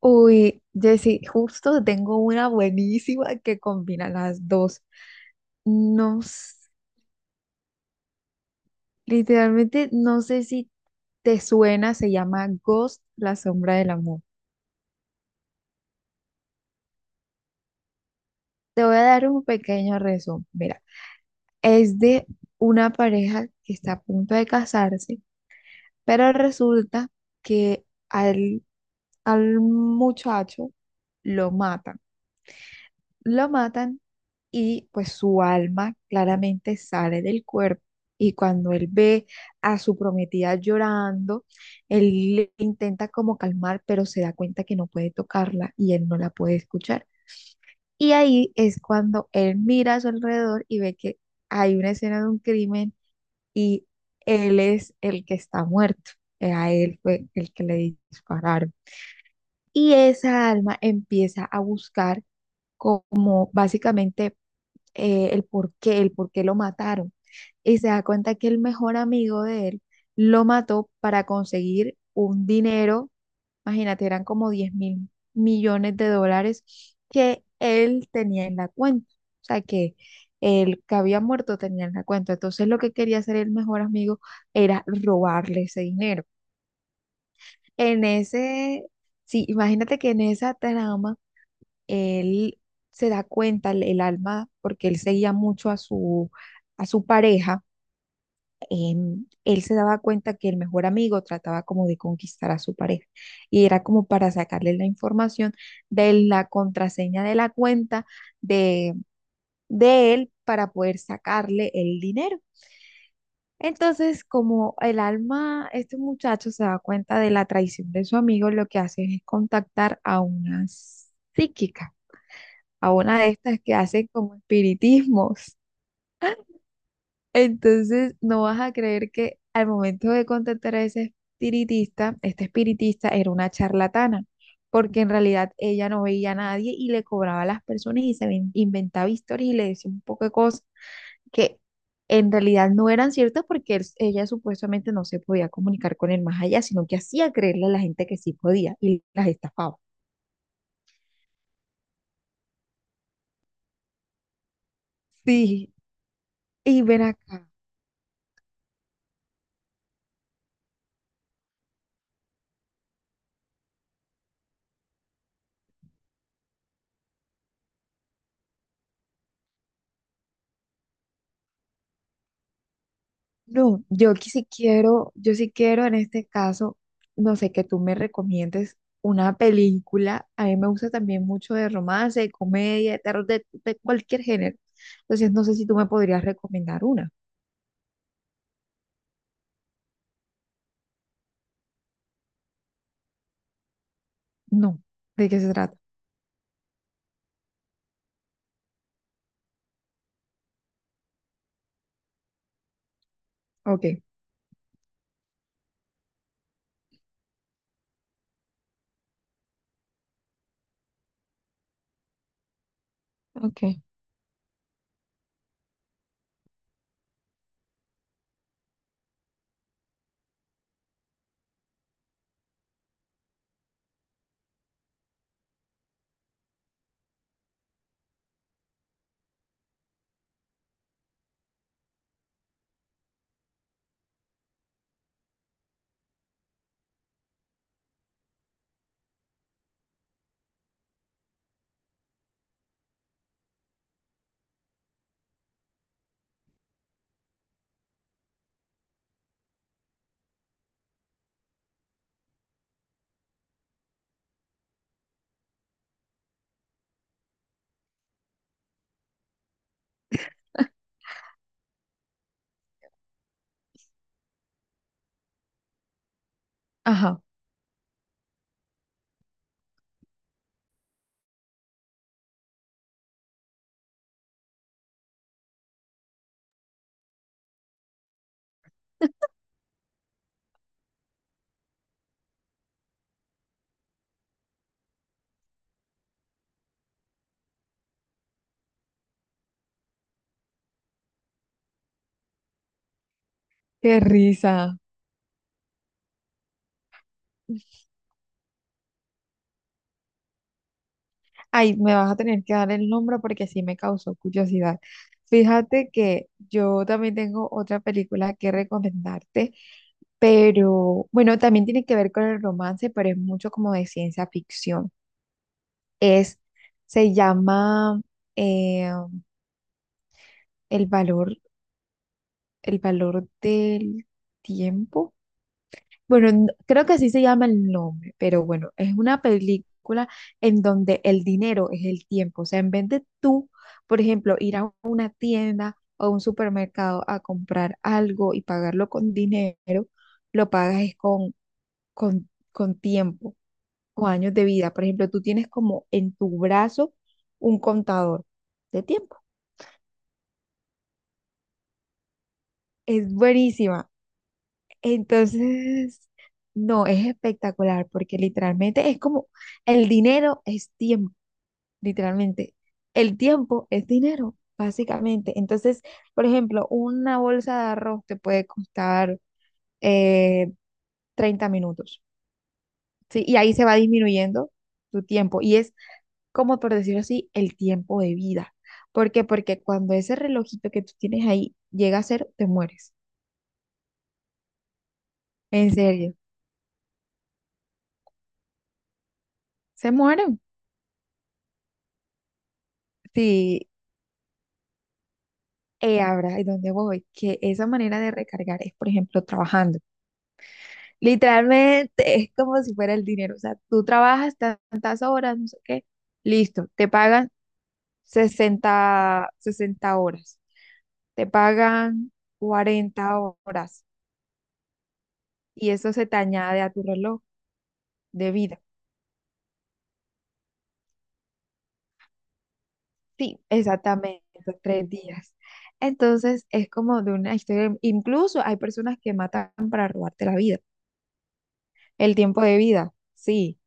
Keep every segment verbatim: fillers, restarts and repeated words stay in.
Uy, Jessy, justo tengo una buenísima que combina las dos. No, s- literalmente no sé si te suena, se llama Ghost, la sombra del amor. Te voy a dar un pequeño resumen. Mira, es de una pareja que está a punto de casarse, pero resulta que al, al muchacho lo matan. Lo matan y pues su alma claramente sale del cuerpo. Y cuando él ve a su prometida llorando, él le intenta como calmar, pero se da cuenta que no puede tocarla y él no la puede escuchar. Y ahí es cuando él mira a su alrededor y ve que hay una escena de un crimen y él es el que está muerto. Eh, A él fue el que le dispararon. Y esa alma empieza a buscar, como básicamente eh, el por qué, el por qué lo mataron. Y se da cuenta que el mejor amigo de él lo mató para conseguir un dinero. Imagínate, eran como diez mil millones de dólares que él tenía en la cuenta. O sea, que el que había muerto tenía en la cuenta. Entonces, lo que quería hacer el mejor amigo era robarle ese dinero. En ese, sí, imagínate que en esa trama él se da cuenta, el, el alma, porque él seguía mucho a su, a su, pareja. Em, él se daba cuenta que el mejor amigo trataba como de conquistar a su pareja y era como para sacarle la información de la contraseña de la cuenta de, de él, para poder sacarle el dinero. Entonces, como el alma, este muchacho se da cuenta de la traición de su amigo. Lo que hace es contactar a una psíquica, a una de estas que hacen como espiritismos. Entonces, no vas a creer que al momento de contactar a ese espiritista, este espiritista era una charlatana, porque en realidad ella no veía a nadie y le cobraba a las personas, y se ven- inventaba historias y le decía un poco de cosas que en realidad no eran ciertas, porque él- ella supuestamente no se podía comunicar con el más allá, sino que hacía creerle a la gente que sí podía y las estafaba. Sí, y ven acá. No, yo que sí quiero, yo sí quiero, en este caso, no sé, que tú me recomiendes una película. A mí me gusta también mucho, de romance, de comedia, de terror, de, de cualquier género. Entonces, no sé si tú me podrías recomendar una. No, ¿de qué se trata? Ok. Ok. Ajá, qué risa. Ay, me vas a tener que dar el nombre porque sí me causó curiosidad. Fíjate que yo también tengo otra película que recomendarte. Pero bueno, también tiene que ver con el romance, pero es mucho como de ciencia ficción. Es, Se llama eh, El valor, el valor del tiempo. Bueno, n- creo que así se llama el nombre, pero bueno, es una película en donde el dinero es el tiempo. O sea, en vez de tú, por ejemplo, ir a una tienda o a un supermercado a comprar algo y pagarlo con dinero, lo pagas es con, con, con tiempo. O años de vida. Por ejemplo, tú tienes como en tu brazo un contador de tiempo. Es buenísima. Entonces, no, es espectacular porque literalmente es como, el dinero es tiempo, literalmente. El tiempo es dinero, básicamente. Entonces, por ejemplo, una bolsa de arroz te puede costar eh, treinta minutos, ¿sí? Y ahí se va disminuyendo tu tiempo. Y es, como por decirlo así, el tiempo de vida. ¿Por qué? Porque cuando ese relojito que tú tienes ahí llega a cero, te mueres. En serio, se mueren. Sí, eh, ahora, ¿y dónde voy? Que esa manera de recargar es, por ejemplo, trabajando. Literalmente es como si fuera el dinero. O sea, tú trabajas tantas horas, no sé qué, listo, te pagan sesenta sesenta horas, te pagan cuarenta horas, y eso se te añade a tu reloj de vida. Sí, exactamente, tres días. Entonces es como de una historia, incluso hay personas que matan para robarte la vida, el tiempo de vida, sí,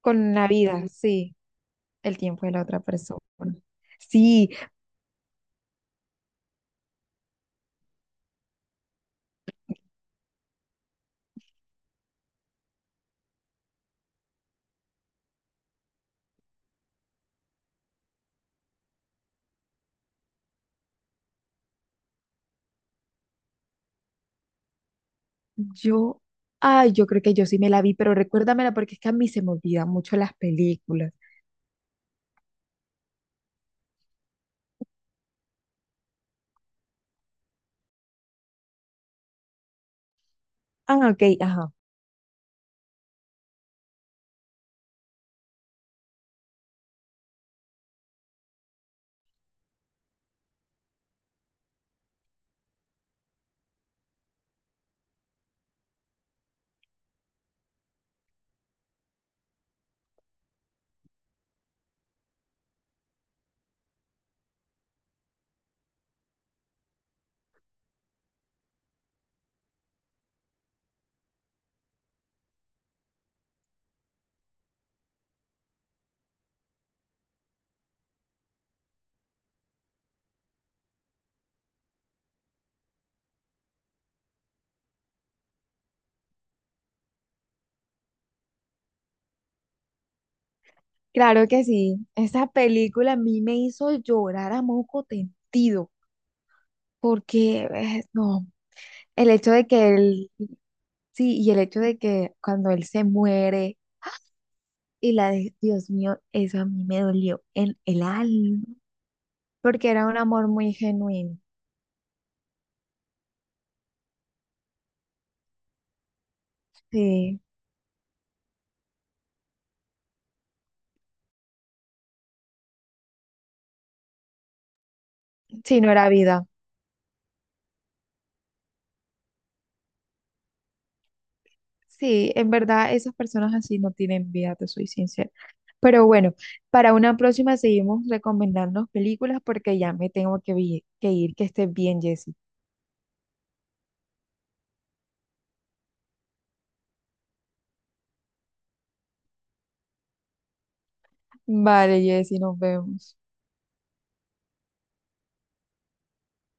con la vida, sí, el tiempo de la otra persona. Sí, yo, ay, yo creo que yo sí me la vi, pero recuérdamela porque es que a mí se me olvidan mucho las películas. Ah, ok, ajá, claro que sí, esa película a mí me hizo llorar a moco tendido, porque, eh, no, el hecho de que él. Sí, y el hecho de que cuando él se muere, y la, de Dios mío, eso a mí me dolió en el alma, porque era un amor muy genuino. Sí, sí, no era vida. Sí, en verdad esas personas así no tienen vida, te soy sincera. Pero bueno, para una próxima seguimos recomendando películas porque ya me tengo que, vi- que ir, que estés bien, Jessy. Vale, Jessy, nos vemos.